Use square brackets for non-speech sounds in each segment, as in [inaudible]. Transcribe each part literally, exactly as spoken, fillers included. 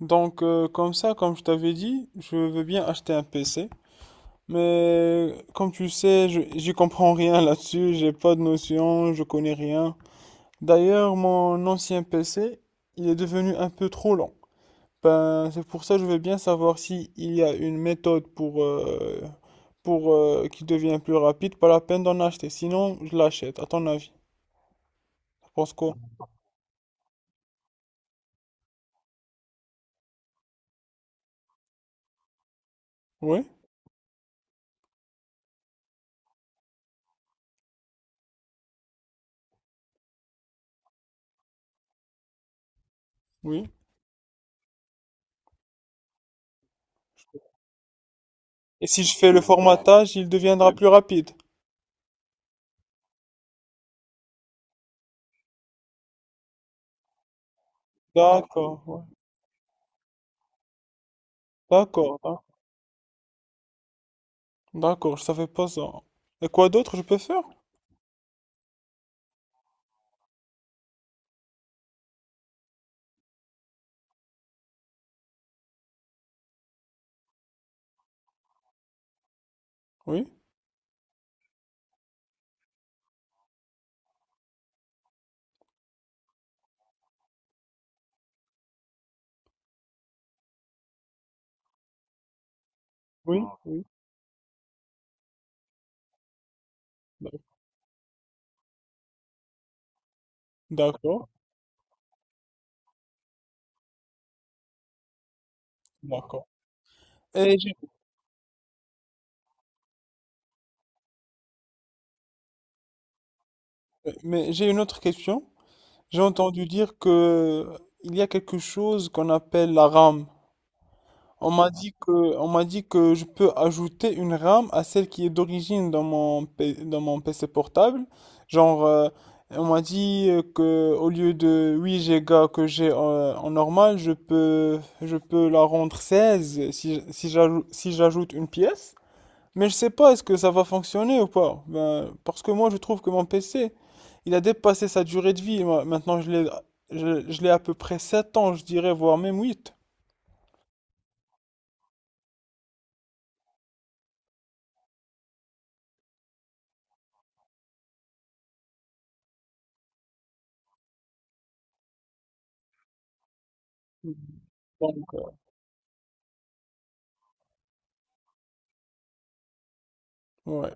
Donc, euh, comme ça, comme je t'avais dit, je veux bien acheter un P C. Mais comme tu sais, je, j'y comprends rien [laughs] là-dessus, j'ai pas de notion, je connais rien. D'ailleurs, mon ancien P C, il est devenu un peu trop lent. Ben, c'est pour ça que je veux bien savoir si il y a une méthode pour, euh, pour euh, qu'il devienne plus rapide. Pas la peine d'en acheter, sinon je l'achète. À ton avis, tu penses quoi? Oui, oui. Et si je fais le formatage, il deviendra plus rapide. D'accord, ouais. D'accord. Hein. D'accord, je savais pas ça. Et quoi d'autre je peux faire? Oui, oui, oui. D'accord, d'accord. Et j'ai- mais j'ai une autre question. J'ai entendu dire que il y a quelque chose qu'on appelle la RAM. On m'a dit que, on m'a dit que je peux ajouter une RAM à celle qui est d'origine dans mon, P- dans mon P C portable. Genre, euh, on m'a dit euh, que au lieu de huit Go que j'ai euh, en normal, je peux, je peux la rendre seize si, si j'ajoute, si j'ajoute une pièce. Mais je sais pas, est-ce que ça va fonctionner ou pas? Ben, parce que moi, je trouve que mon P C, il a dépassé sa durée de vie. Moi, Maintenant, je l'ai, je, je l'ai à peu près sept ans, je dirais, voire même huit. Donc, euh, ouais.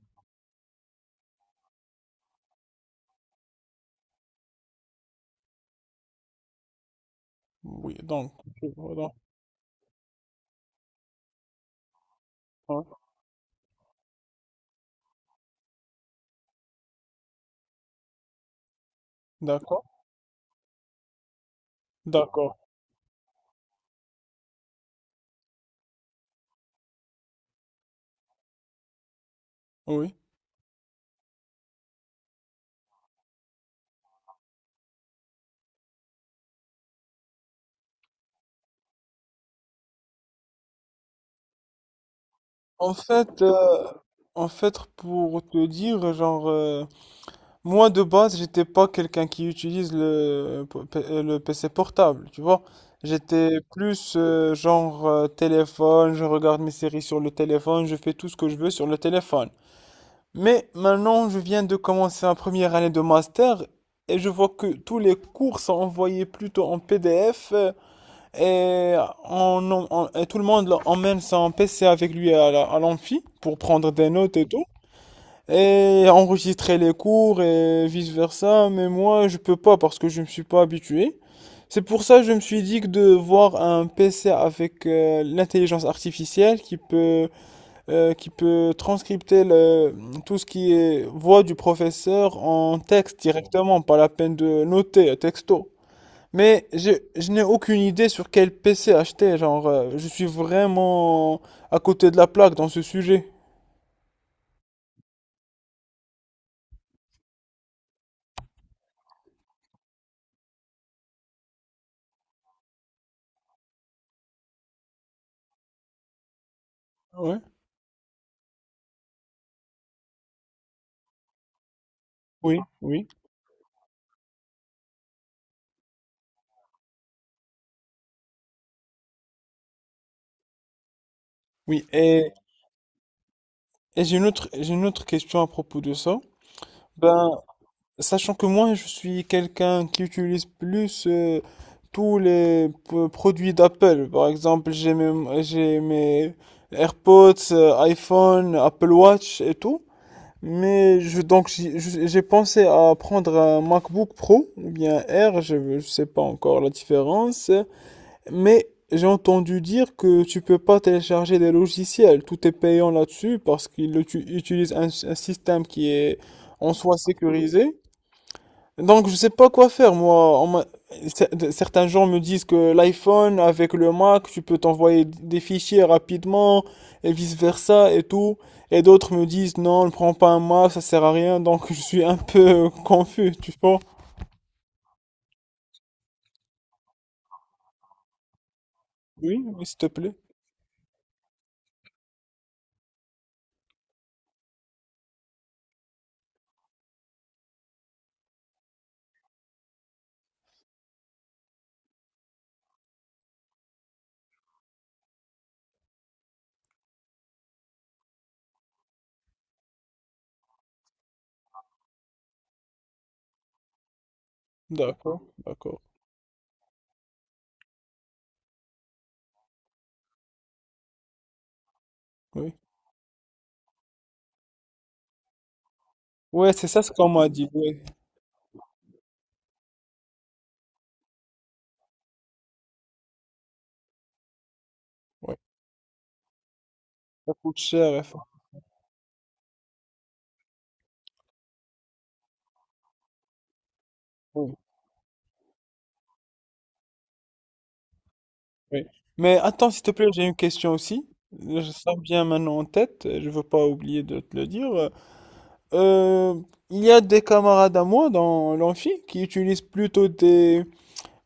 Oui, donc, je vois, donc, hein, d'accord, d'accord, oui. En fait, euh, en fait, pour te dire, genre, euh, moi de base, j'étais pas quelqu'un qui utilise le, po- pe- euh, le P C portable, tu vois. J'étais plus euh, genre euh, téléphone, je regarde mes séries sur le téléphone, je fais tout ce que je veux sur le téléphone. Mais maintenant, je viens de commencer ma première année de master et je vois que tous les cours sont envoyés plutôt en P D F. Et, on, on- et tout le monde emmène son P C avec lui à la- à l'amphi pour prendre des notes et tout. Et enregistrer les cours et vice-versa. Mais moi, je peux pas parce que je me suis pas habitué. C'est pour ça que je me suis dit que de voir un P C avec euh, l'intelligence artificielle qui peut, euh, qui peut transcripter le, tout ce qui est voix du professeur en texte directement, pas la peine de noter, texto. Mais je, je n'ai aucune idée sur quel P C acheter, genre, euh, je suis vraiment à côté de la plaque dans ce sujet. Ouais, oui, oui. Oui, et, et j'ai une autre, j'ai une autre question à propos de ça. Ben, sachant que moi, je suis quelqu'un qui utilise plus euh, tous les p- produits d'Apple. Par exemple, j'ai mes, j'ai mes AirPods, euh, iPhone, Apple Watch et tout. Mais je, donc j'y- je- j'ai pensé à prendre un MacBook Pro ou bien R, je ne sais pas encore la différence, mais j'ai entendu dire que tu peux pas télécharger des logiciels, tout est payant là-dessus parce qu'ils le tu- utilisent un, un système qui est en soi sécurisé. Donc, je sais pas quoi faire, moi. On m'a- Cer- Certains gens me disent que l'iPhone avec le Mac, tu peux t'envoyer des fichiers rapidement et vice-versa et tout. Et d'autres me disent non, ne prends pas un Mac, ça sert à rien. Donc, je suis un peu [laughs] confus, tu vois. Oui, oui, s'il te plaît. D'accord, d'accord, oui. Ouais, c'est ça ce qu'on m'a dit. Oui, ouais. Ça coûte cher. et fa- Oui, oui. Mais attends, s'il te plaît, j'ai une question aussi. Je sens bien maintenant en tête. Je veux pas oublier de te le dire. Euh, il y a des camarades à moi dans l'amphi qui utilisent plutôt des,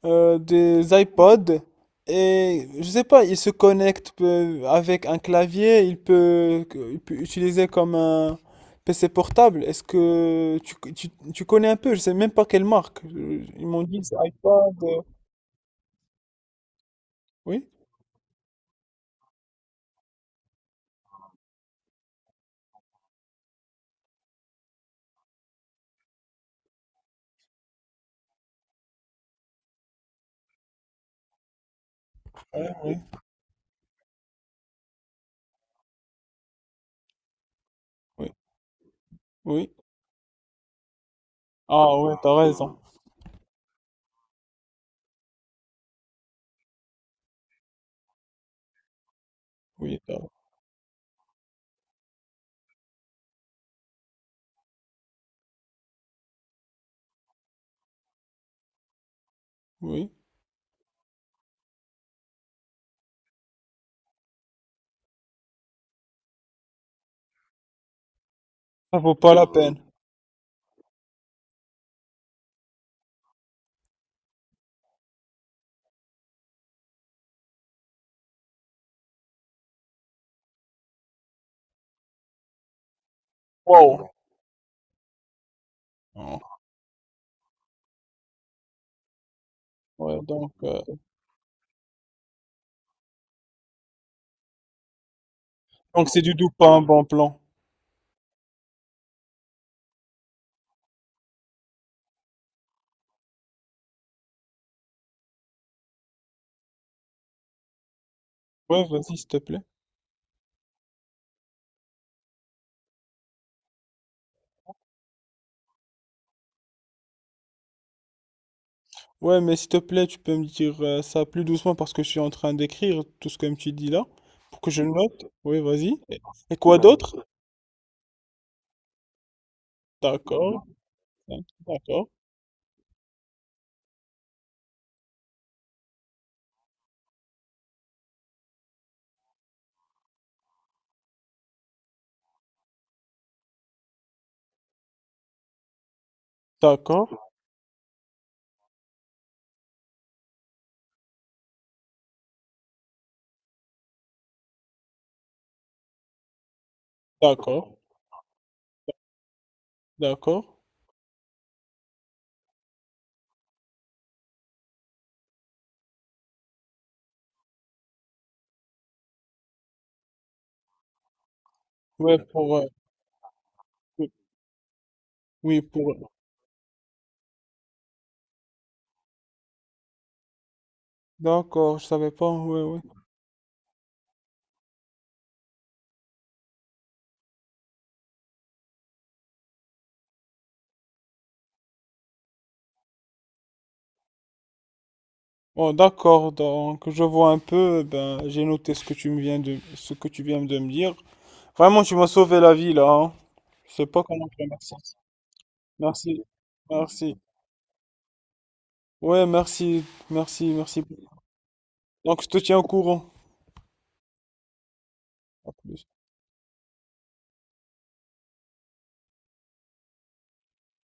euh, des iPods et je sais pas, ils se connectent euh, avec un clavier, ils peuvent ils peuvent utiliser comme un P C portable. Est-ce que tu, tu, tu connais un peu? Je sais même pas quelle marque. Euh, Ils m'ont dit c'est iPod. euh, Oui, oui, oui. Ah ouais, t'as raison. Oui, t'as- oui. Ça vaut pas la peine. Wow. Ouais, donc, euh, donc c'est du tout pas un bon plan. Ouais, vas-y, s'il te plaît. Ouais, mais s'il te plaît, tu peux me dire euh, ça plus doucement parce que je suis en train d'écrire tout ce que tu dis là, pour que je le note. Oui, vas-y. Et et quoi d'autre? D'accord, d'accord, d'accord, d'accord, d'accord. Ouais, pour... euh, oui, oui, pour... euh, D'accord, je savais pas, ouais, ouais. Bon, d'accord, donc je vois un peu, ben, j'ai noté ce que tu me viens de, ce que tu viens de me dire. Vraiment, tu m'as sauvé la vie là, hein. Je sais pas comment te remercier. Merci, merci. Ouais, merci, merci, merci. Donc, je te tiens au courant. À plus.